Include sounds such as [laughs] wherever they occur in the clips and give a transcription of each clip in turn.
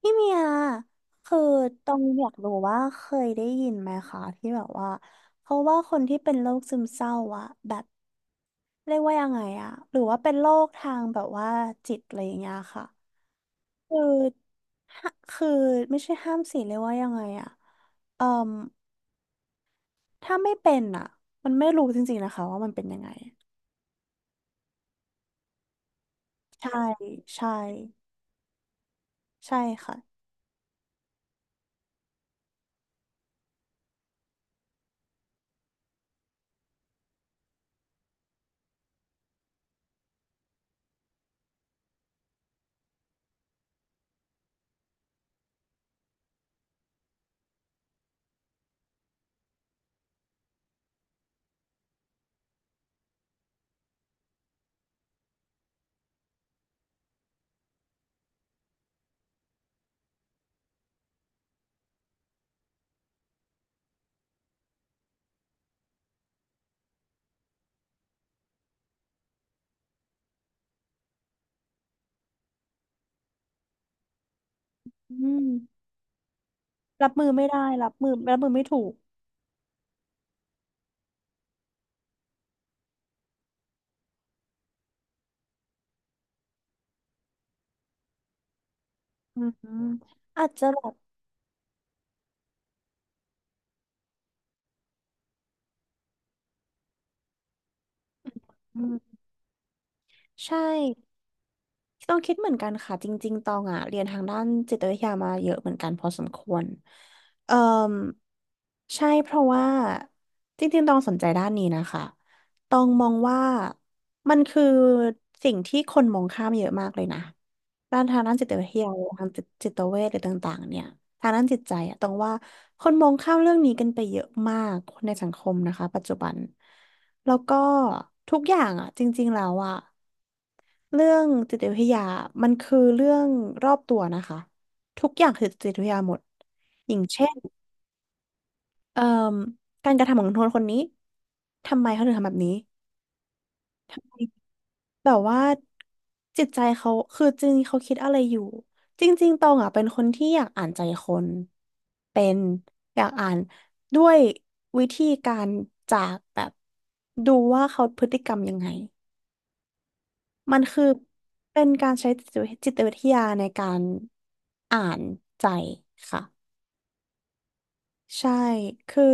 พี่เมียคือต้องอยากรู้ว่าเคยได้ยินไหมคะที่แบบว่าเพราะว่าคนที่เป็นโรคซึมเศร้าอะแบบเรียกว่ายังไงอะหรือว่าเป็นโรคทางแบบว่าจิตอะไรอย่างเงี้ยค่ะคือฮะคือไม่ใช่ห้ามสิเรียกว่ายังไงอะเอ่มถ้าไม่เป็นอะมันไม่รู้จริงๆนะคะว่ามันเป็นยังไงใช่ใช่ใช่ค่ะอืมรับมือไม่ได้รับมือไม่ถูกอืมอาจจะแบบ ใช่ต้องคิดเหมือนกันค่ะจริงๆตองอ่ะเรียนทางด้านจิตวิทยามาเยอะเหมือนกันพอสมควรเอ่อใช่เพราะว่าจริงๆตองสนใจด้านนี้นะคะตองมองว่ามันคือสิ่งที่คนมองข้ามเยอะมากเลยนะด้านทางด้านจิตวิทยาหรือทางจิตเวชหรือต่างๆเนี่ยทางด้านจิตใจอะตองว่าคนมองข้ามเรื่องนี้กันไปเยอะมากในสังคมนะคะปัจจุบันแล้วก็ทุกอย่างอ่ะจริงๆแล้วอ่ะ เรื่องจิตวิทยามันคือเรื่องรอบตัวนะคะ ทุกอย่างคือจิตวิทยาหมดอย่างเช่นเอ่อการกระทำของคนคนนี้ ทำไมเขาถึงทำแบบนี้แบบว่าจิตใจเขาคือจริงๆเขาคิดอะไรอยู่ จริงๆตองอ่ะเป็นคนที่อยากอ่านใจคนเป็นอยากอ่านด้วยวิธีการจากแบบดูว่าเขาพฤติกรรมยังไง มันคือเป็นการใช้จิตวิทยาในการอ่านใจค่ะใช่คือ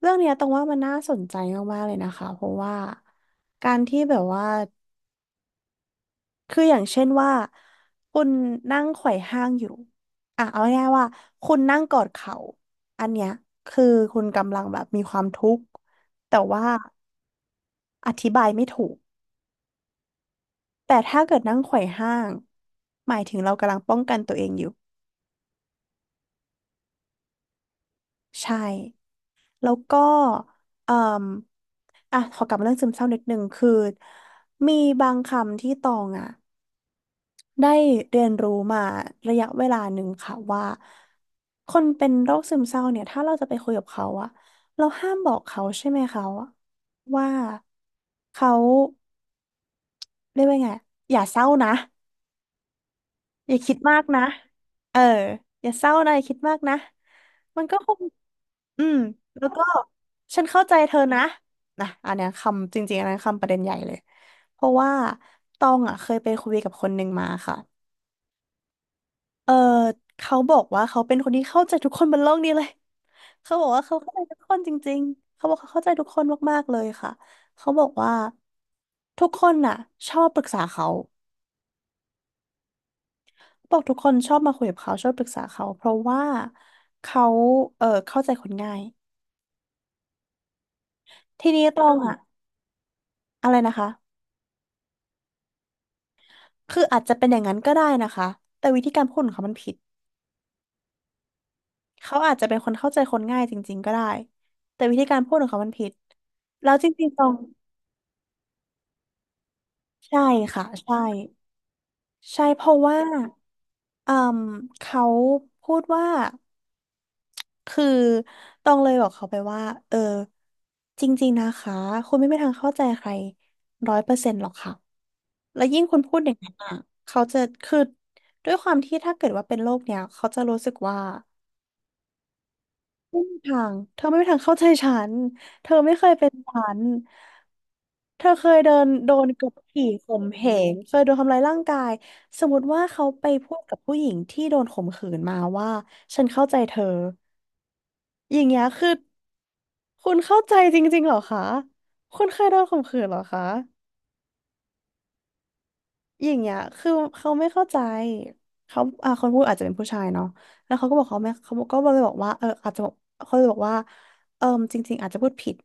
เรื่องเนี้ยตรงว่ามันน่าสนใจมากๆเลยนะคะเพราะว่าการที่แบบว่าคืออย่างเช่นว่าคุณนั่งไขว่ห้างอยู่อ่ะเอาง่ายๆว่าคุณนั่งกอดเข่าอันเนี้ยคือคุณกำลังแบบมีความทุกข์แต่ว่าอธิบายไม่ถูกแต่ถ้าเกิดนั่งไขว่ห้างหมายถึงเรากำลังป้องกันตัวเองอยู่ ใช่ แล้วก็เอ่มอ่ะขอกลับมาเรื่องซึมเศร้านิดนึงคือ มีบางคำที่ตองอ่ะได้เรียนรู้มาระยะเวลาหนึ่งค่ะว่าคนเป็นโรคซึมเศร้าเนี่ยถ้าเราจะไปคุยกับเขาอ่ะเราห้ามบอกเขาใช่ไหมเขาอะว่าเขาเรียกว่าไงอย่าเศร้านะอย่าคิดมากนะเอออย่าเศร้านะอย่าคิดมากนะมันก็คง อืมแล้วก็ฉันเข้าใจเธอนะนะอันเนี้ยคำจริงๆอันนั้นคำประเด็นใหญ่เลยเพราะว่าตองอ่ะเคยไปคุยกับคนหนึ่งมาค่ะเออเขาบอกว่าเขาเป็นคนที่เข้าใจทุกคนบนโลกนี้เลยเขาบอกว่าเขาเข้าใจทุกคนจริงๆเขาบอกเขาเข้าใจทุกคนมากๆเลยค่ะเขาบอกว่าทุกคนน่ะชอบปรึกษาเขาบอกทุกคนชอบมาคุยกับเขาชอบปรึกษาเขาเพราะว่าเขาเข้าใจคนง่ายทีนี้ตองอ่ะอะไรนะคะ คืออาจจะเป็นอย่างนั้นก็ได้นะคะแต่วิธีการพูดของเขามันผิดเขาอาจจะเป็นคนเข้าใจคนง่ายจริงๆก็ได้แต่วิธีการพูดของเขามันผิดแล้วจริงๆตรงใช่ค่ะใช่ใช่เพราะว่าอืมเขาพูดว่าคือตองเลยบอกเขาไปว่าเออจริงๆนะคะคุณไม่มีทางเข้าใจใคร100%หรอกค่ะเด็กนั้นอ่ะเขาจะคือด้วยความที่ถ้าเกิดว่าเป็นโรคเนี้ยเขาจะรู้สึกว่า ทางเธอไม่มีทางเข้าใจฉันเธอไม่เคยเป็นฉันเธอเคยเดินโดนกดขี่ข่มเหงเคยโดนทำร้ายร่างกายสมมติว่าเขาไปพูดกับผู้หญิงที่โดนข่มขืนมาว่าฉันเข้าใจเธออย่างเงี้ยคือคุณเข้าใจจริงๆเหรอคะคุณเคยโดนข่มขืนเหรอคะอย่างเงี้ยคือเขาไม่เข้าใจเขาคนพูดอาจจะเป็นผู้ชายเนาะแล้วเขาก็บอกเขาไม่เขาก็เลยบอกว่าอาจจะบอกเขาเลยบอกว่าเออจริงๆอาจจะพูดผิด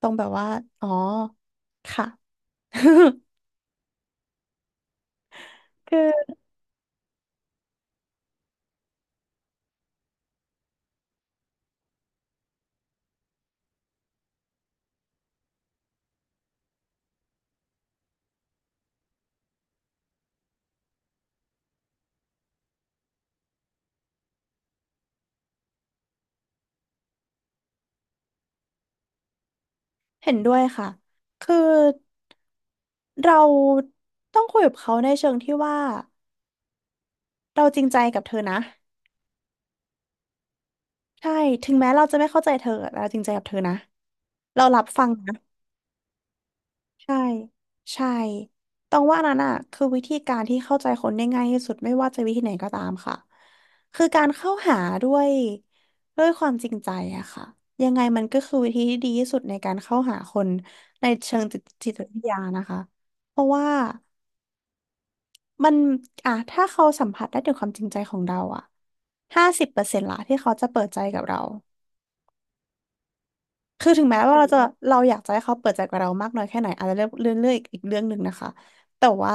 ตรงแบบว่า อ๋อ ค่ะ [laughs] คือเห็นด้วยค่ะ คือเราต้องคุยกับเขาในเชิงที่ว่าเราจริงใจกับเธอนะ ใช่ ถึงแม้เราจะไม่เข้าใจเธอ เราจริงใจกับเธอนะ เรารับฟังนะ ใช่ ใช่ต้องว่านั้นอ่ะคือวิธีการที่เข้าใจคนได้ง่ายที่สุดไม่ว่าจะวิธีไหนก็ตามค่ะคือการเข้าหาด้วยด้วยความจริงใจอะค่ะยังไงมันก็คือวิธีที่ดีที่สุดในการเข้าหาคนในเชิงจิตจิตวิทยานะคะเพราะว่ามันอ่ะถ้าเขาสัมผัสได้ถึงความจริงใจของเราอะ50%ละที่เขาจะเปิดใจกับเราคือถึงแม้ว่าเราจะ เราอยากจะให้เขาเปิดใจกับเรามากน้อยแค่ไหนอาจจะเรื่องอีกเรื่องหนึ่งนะคะแต่ว่า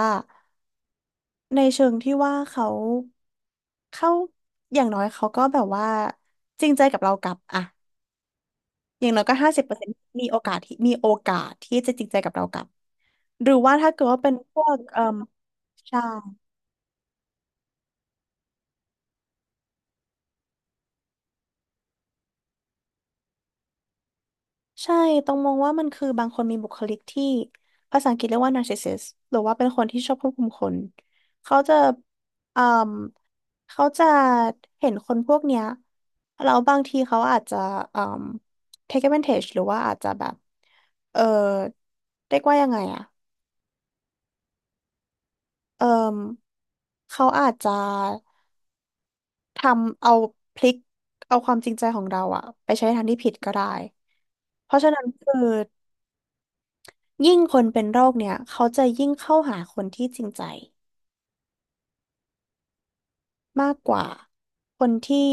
ในเชิงที่ว่าเขาอย่างน้อยเขาก็แบบว่าจริงใจกับเรากลับอะอย่างน้อยก็50%มีโอกาสที่จะจริงใจกับเรากลับหรือว่าถ้าเกิดว่าเป็นพวกใช่ ใช่ ต้องมองว่ามันคือบางคนมีบุคลิกที่ภาษาอังกฤษเรียกว่า narcissist หรือว่าเป็นคนที่ชอบควบคุมคนเขาจะอืมเขาจะเห็นคนพวกเนี้ยแล้วบางทีเขาอาจจะอืม take advantage หรือว่าอาจจะแบบ เออเรียกว่ายังไงอะ เออเขาอาจจะทำเอาพลิกเอาความจริงใจของเราอะไปใช้ในทางที่ผิดก็ได้ เพราะฉะนั้นคือ ยิ่งคนเป็นโรคเนี่ยเขาจะยิ่งเข้าหาคนที่จริงใจมากกว่าคนที่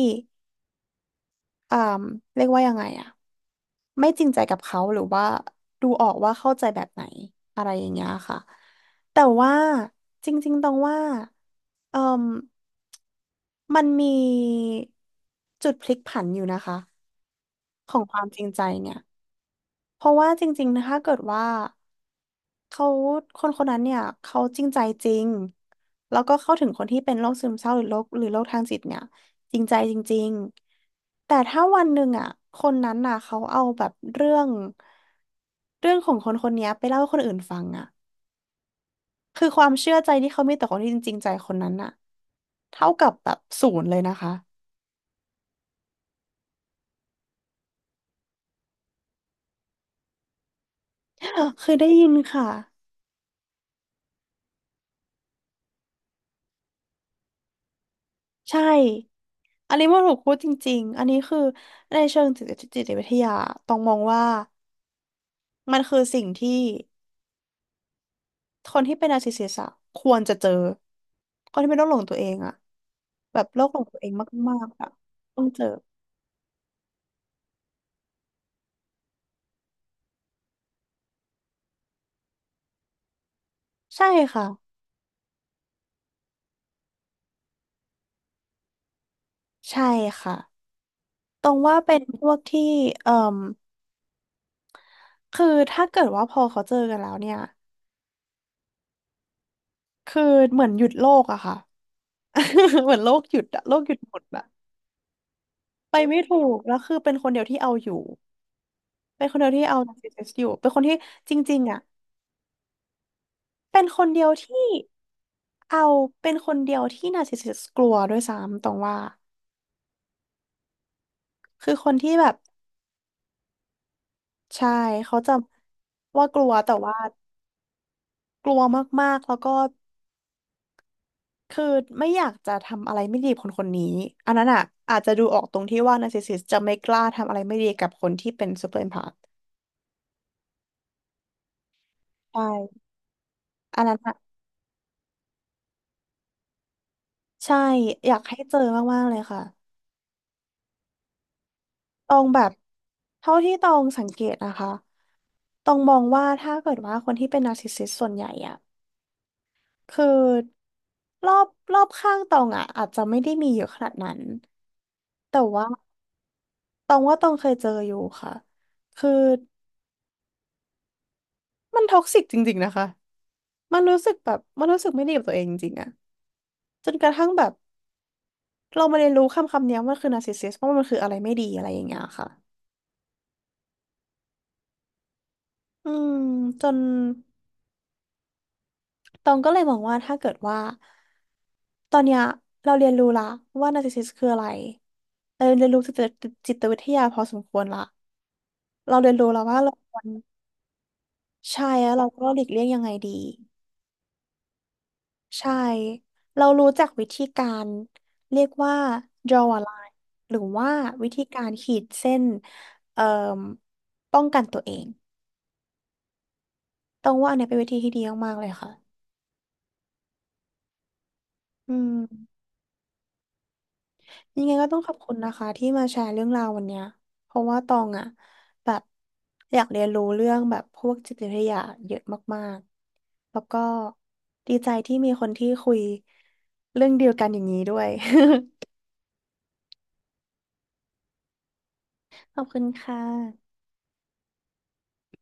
อ่าเรียกว่ายังไงอะไม่จริงใจกับเขาหรือว่าดูออกว่าเข้าใจแบบไหนอะไรอย่างเงี้ยค่ะแต่ว่าจริงๆตรงว่าเอ่มมันมีจุดพลิกผันอยู่นะคะของความจริงใจเนี่ย เพราะว่าจริงๆนะถ้าเกิดว่าเขาคนคนนั้นเนี่ยเขาจริงใจจริงแล้วก็เข้าถึงคนที่เป็นโรคซึมเศร้าหรือโรคทางจิตเนี่ยจริงใจจริงๆแต่ถ้าวันหนึ่งอ่ะคนนั้นน่ะเขาเอาแบบเรื่องของคนคนเนี้ยไปเล่าให้คนอื่นฟังอ่ะคือความเชื่อใจที่เขามีต่อคนที่จริงใจคนนั้นน่ะเท่ากับแบบศูนย์เลยนะคะ [laughs] เคยได้ยินค่ะ ใช่อันนี้มันถูกพูดจริงๆอันนี้คือในเชิงจิตจิตวิทยาต้องมองว่ามันคือสิ่งที่คนที่เป็นนาร์ซิสซิสต์อะควรจะเจอคนที่เป็นโรคหลงตัวเองอะแบบโรคหลงตัวเองมากๆอะต้องเจอใช่ค่ะใช่ค่ะตรงว่าเป็นพวกที่เอ่มคือถ้าเกิดว่าพอเขาเจอกันแล้วเนี่ยคือเหมือนหยุดโลกอะค่ะ [laughs] เหมือนโลกหยุดอะโลกหยุดหมดอะไปไม่ถูกแล้วคือเป็นคนเดียวที่เอาอยู่ เป็นคนเดียวที่เอา narcissist อยู่เป็นคนที่จริงๆอ่ะเป็นคนเดียวที่เอาเป็นคนเดียวที่ narcissist กลัวด้วยซ้ำตรงว่า คือคนที่แบบใช่เขาจะว่ากลัวแต่ว่ากลัวมากๆแล้วก็คือไม่อยากจะทำอะไรไม่ดีกับคนคนนี้อันนั้นอ่ะอาจจะดูออกตรงที่ว่า narcissist จะไม่กล้าทำอะไรไม่ดีกับคนที่เป็น super empath ใช่อันนั้นอ่ะใช่อยากให้เจอมากๆเลยค่ะ ตองแบบเท่าที่ตองสังเกตนะคะตองมองว่าถ้าเกิดว่าคนที่เป็นนาร์ซิสซิสส่วนใหญ่อะคือรอบรอบข้างตองอะอาจจะไม่ได้มีเยอะขนาดนั้นแต่ว่าตองว่าตองเคยเจออยู่ค่ะคือมันท็อกซิกจริงๆนะคะมันรู้สึกไม่ดีกับตัวเองจริงๆอะจนกระทั่งแบบเรามาเรียนรู้คำคำนี้ว่ามันคือนาร์ซิสซิสว่าะมันคืออะไรไม่ดีอะไรอย่างเงี้ยค่ะอืมจน ตองก็เลยมองว่าถ้าเกิดว่าตอนเนี้ยเราเรียนรู้ละว่านาร์ซิสซิสคืออะไรเราเรียนรู้จิตจิตวิทยาพอสมควรละเราเรียนรู้แล้วว่าเราควรใช่แล้วเราก็หลีกเลี่ยงยังไงดีใช่เรารู้จักวิธีการเรียกว่า draw a line หรือว่าวิธีการขีดเส้นเอ่อป้องกันตัวเองต้องว่าอันเนี้ยเป็นวิธีที่ดีมากๆเลยค่ะอืม ยังไงก็ต้องขอบคุณนะคะที่มาแชร์เรื่องราววันเนี้ยเพราะว่าตองอ่ะแบบอยากเรียนรู้เรื่องแบบพวกจิตวิทยาเยอะมากๆแล้วก็ดีใจที่มีคนที่คุยเรื่องเดียวกันอย่างนี้ด้วย [laughs] ขอบคุณค่ะ